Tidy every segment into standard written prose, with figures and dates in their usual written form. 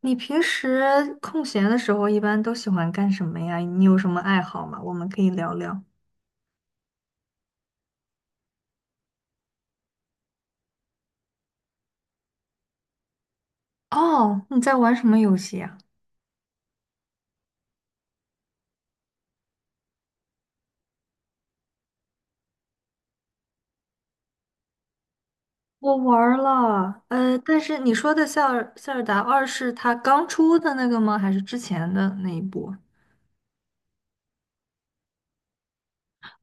你平时空闲的时候一般都喜欢干什么呀？你有什么爱好吗？我们可以聊聊。哦，你在玩什么游戏呀？我玩儿了，但是你说的《塞尔达二》是它刚出的那个吗？还是之前的那一部？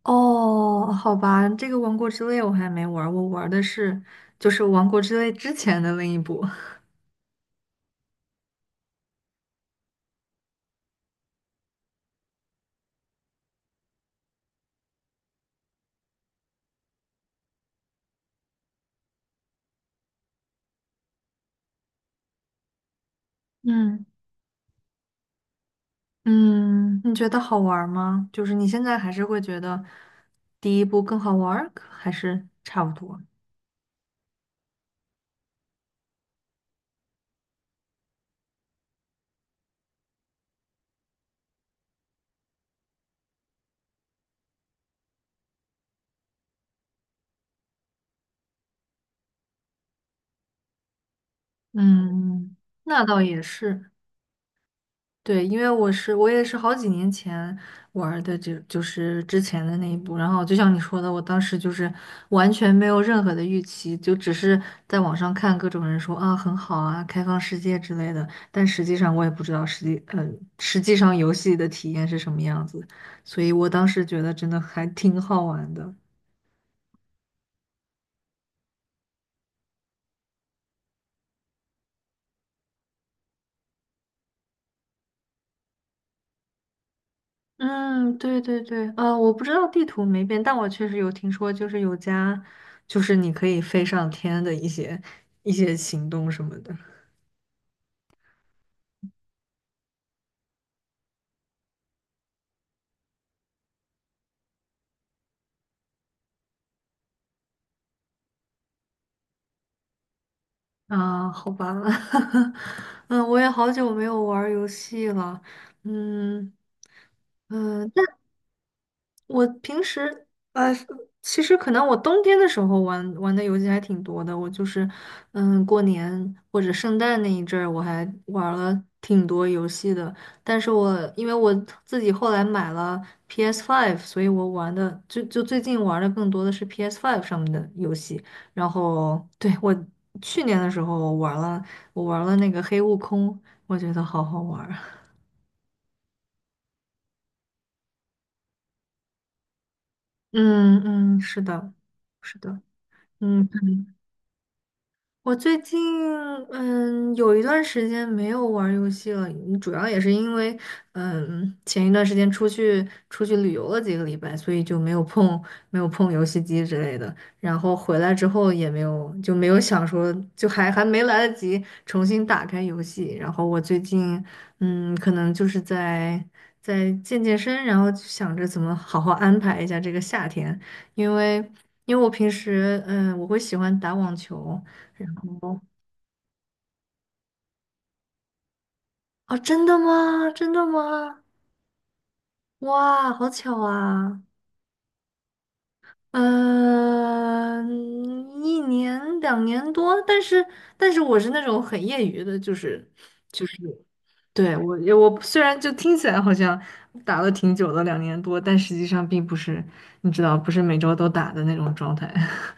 哦，好吧，这个《王国之泪》我还没玩儿，我玩儿的就是《王国之泪》之前的那一部。嗯嗯，你觉得好玩儿吗？就是你现在还是会觉得第一部更好玩儿，还是差不多？嗯，那倒也是，对，因为我也是好几年前玩的这，就是之前的那一部，然后就像你说的，我当时就是完全没有任何的预期，就只是在网上看各种人说啊很好啊，开放世界之类的，但实际上我也不知道实际上游戏的体验是什么样子，所以我当时觉得真的还挺好玩的。嗯，对对对，我不知道地图没变，但我确实有听说，就是有家，就是你可以飞上天的一些行动什么的。啊，好吧，嗯，我也好久没有玩儿游戏了。嗯嗯，我平时呃，其实可能我冬天的时候玩的游戏还挺多的。我就是，嗯，过年或者圣诞那一阵儿，我还玩了挺多游戏的。但是因为我自己后来买了 p s Five，所以我玩的就最近玩的更多的是 p s Five 上面的游戏。然后对我去年的时候我玩了那个黑悟空，我觉得好好玩儿。嗯嗯，是的，是的。嗯，我最近有一段时间没有玩儿游戏了，主要也是因为前一段时间出去旅游了几个礼拜，所以就没有碰游戏机之类的。然后回来之后也没有就没有想说还没来得及重新打开游戏。然后我最近可能就是在健身，然后就想着怎么好好安排一下这个夏天，因为因为我平时我会喜欢打网球。然后啊，真的吗？真的吗？哇，好巧啊！嗯、一年两年多，但是我是那种很业余的，就是对我虽然就听起来好像打了挺久的两年多，但实际上并不是你知道，不是每周都打的那种状态。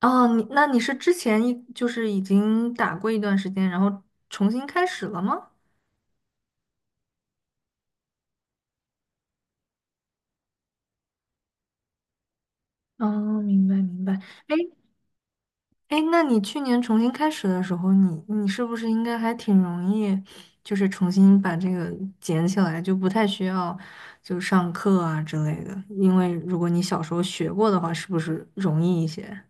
哦，那你是之前就是已经打过一段时间，然后重新开始了吗？哦，明白明白。哎，哎，那你去年重新开始的时候，你是不是应该还挺容易，就是重新把这个捡起来，就不太需要就上课啊之类的？因为如果你小时候学过的话，是不是容易一些？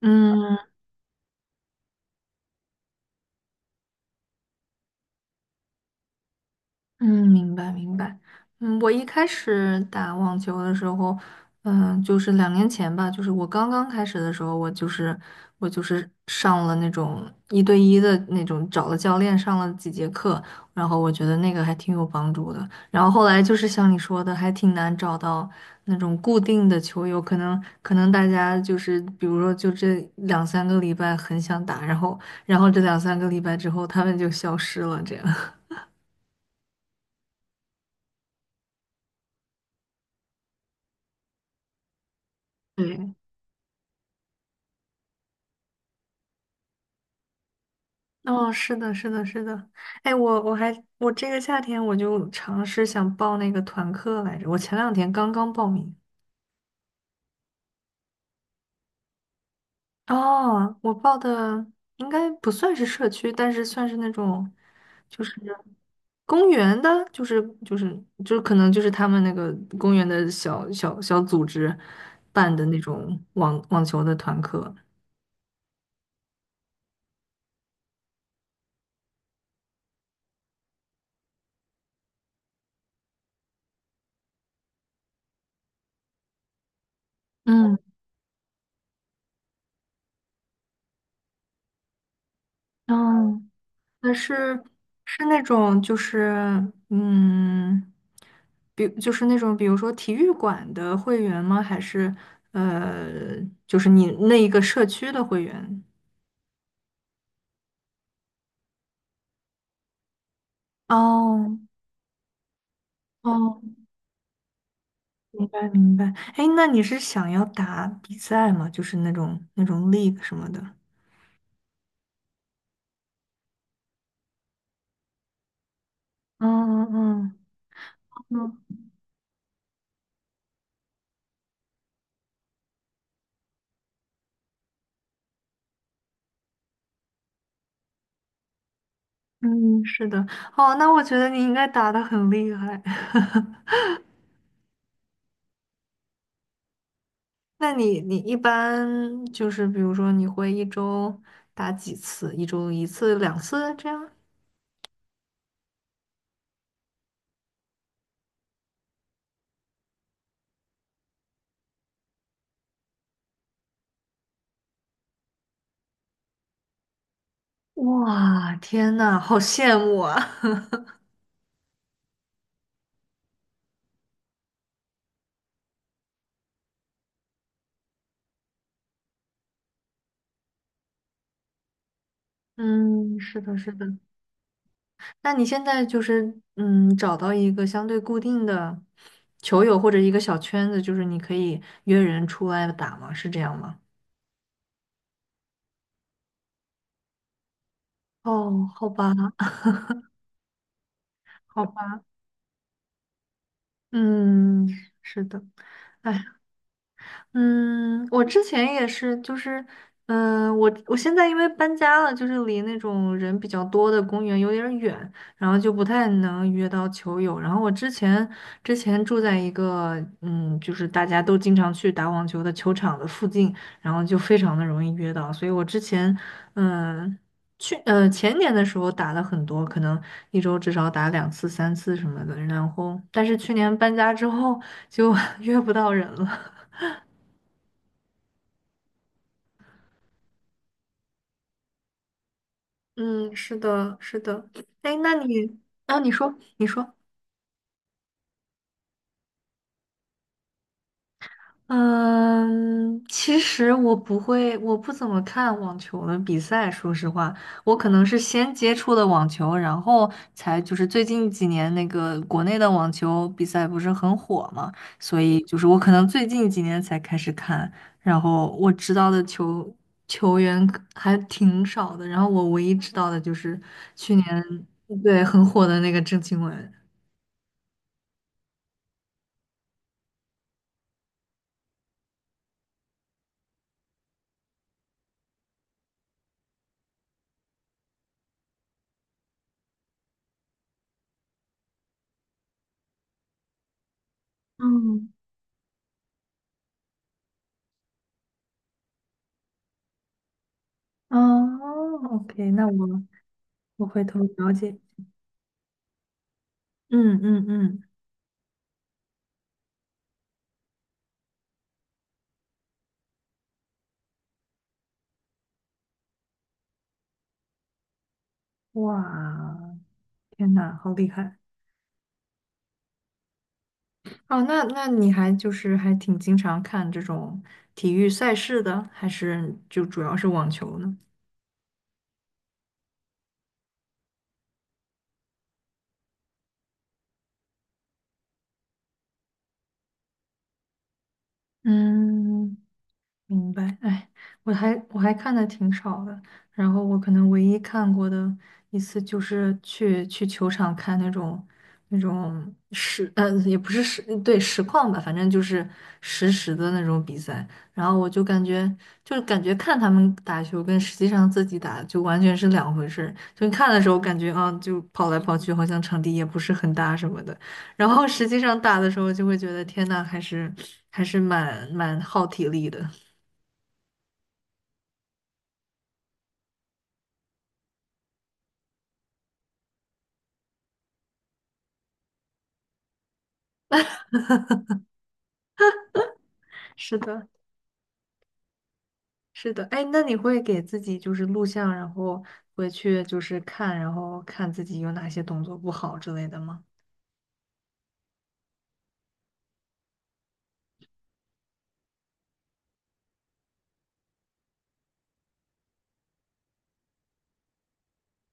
嗯，嗯，明白明白。我一开始打网球的时候，就是2年前吧，就是我刚刚开始的时候，我就是上了那种一对一的那种，找了教练上了几节课，然后我觉得那个还挺有帮助的。然后后来就是像你说的，还挺难找到那种固定的球友，可能大家就是比如说就这两三个礼拜很想打，然后这两三个礼拜之后他们就消失了，这样。对。哦，是的，是的，是的。哎，我这个夏天我就尝试想报那个团课来着，我前2天刚刚报名。哦，我报的应该不算是社区，但是算是那种，就是公园的，就是可能就是他们那个公园的小组织办的那种网球的团课。嗯，哦，那是那种就是嗯，就是那种比如说体育馆的会员吗？还是呃，就是你那一个社区的会员？哦哦，明白明白。哎，那你是想要打比赛吗？就是那种 league 什么的？嗯嗯嗯嗯，嗯是的。哦，那我觉得你应该打的很厉害。那你一般就是比如说你会一周打几次？一周一次、两次这样？哇，天呐，好羡慕啊！嗯，是的，是的。那你现在就是找到一个相对固定的球友或者一个小圈子，就是你可以约人出来打吗？是这样吗？哦，好吧，好吧，嗯，是的。哎嗯，我之前也是，就是，我现在因为搬家了，就是离那种人比较多的公园有点儿远，然后就不太能约到球友。然后我之前住在一个，就是大家都经常去打网球的球场的附近，然后就非常的容易约到。所以我之前，嗯、前年的时候打了很多，可能一周至少打2次、3次什么的。然后，但是去年搬家之后就 约不到人了。嗯，是的，是的。哎，那你，啊，你说，你说，嗯，其实我不会，我不怎么看网球的比赛。说实话，我可能是先接触的网球，然后就是最近几年那个国内的网球比赛不是很火嘛，所以就是我可能最近几年才开始看，然后我知道的球员可还挺少的，然后我唯一知道的就是去年，对，很火的那个郑钦文。嗯，哦，OK，那我回头了解。嗯嗯嗯，哇，天呐，好厉害！哦，那你还就是还挺经常看这种体育赛事的，还是就主要是网球呢？嗯明白，哎，我还看的挺少的，然后我可能唯一看过的一次就是去球场看那种也不是实况吧，反正就是实时的那种比赛，然后我就感觉看他们打球跟实际上自己打就完全是两回事儿，就你看的时候感觉啊就跑来跑去，好像场地也不是很大什么的，然后实际上打的时候就会觉得天呐，还是蛮耗体力的。是的，是的，哎，那你会给自己就是录像，然后回去就是看，然后看自己有哪些动作不好之类的吗？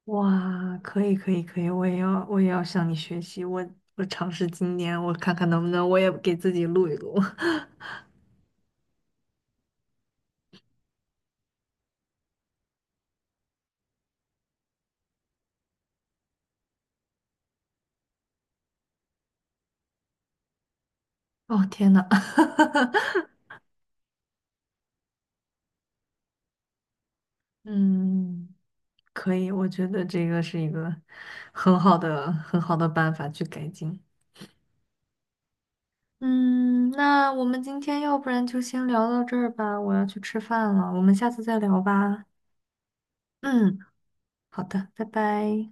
哇，可以，可以，可以，我也要向你学习，我尝试今年，我看看能不能我也给自己录一录。哦，天呐，嗯，可以，我觉得这个是一个很好的很好的办法去改进。嗯，那我们今天要不然就先聊到这儿吧，我要去吃饭了，我们下次再聊吧。嗯，好的，拜拜。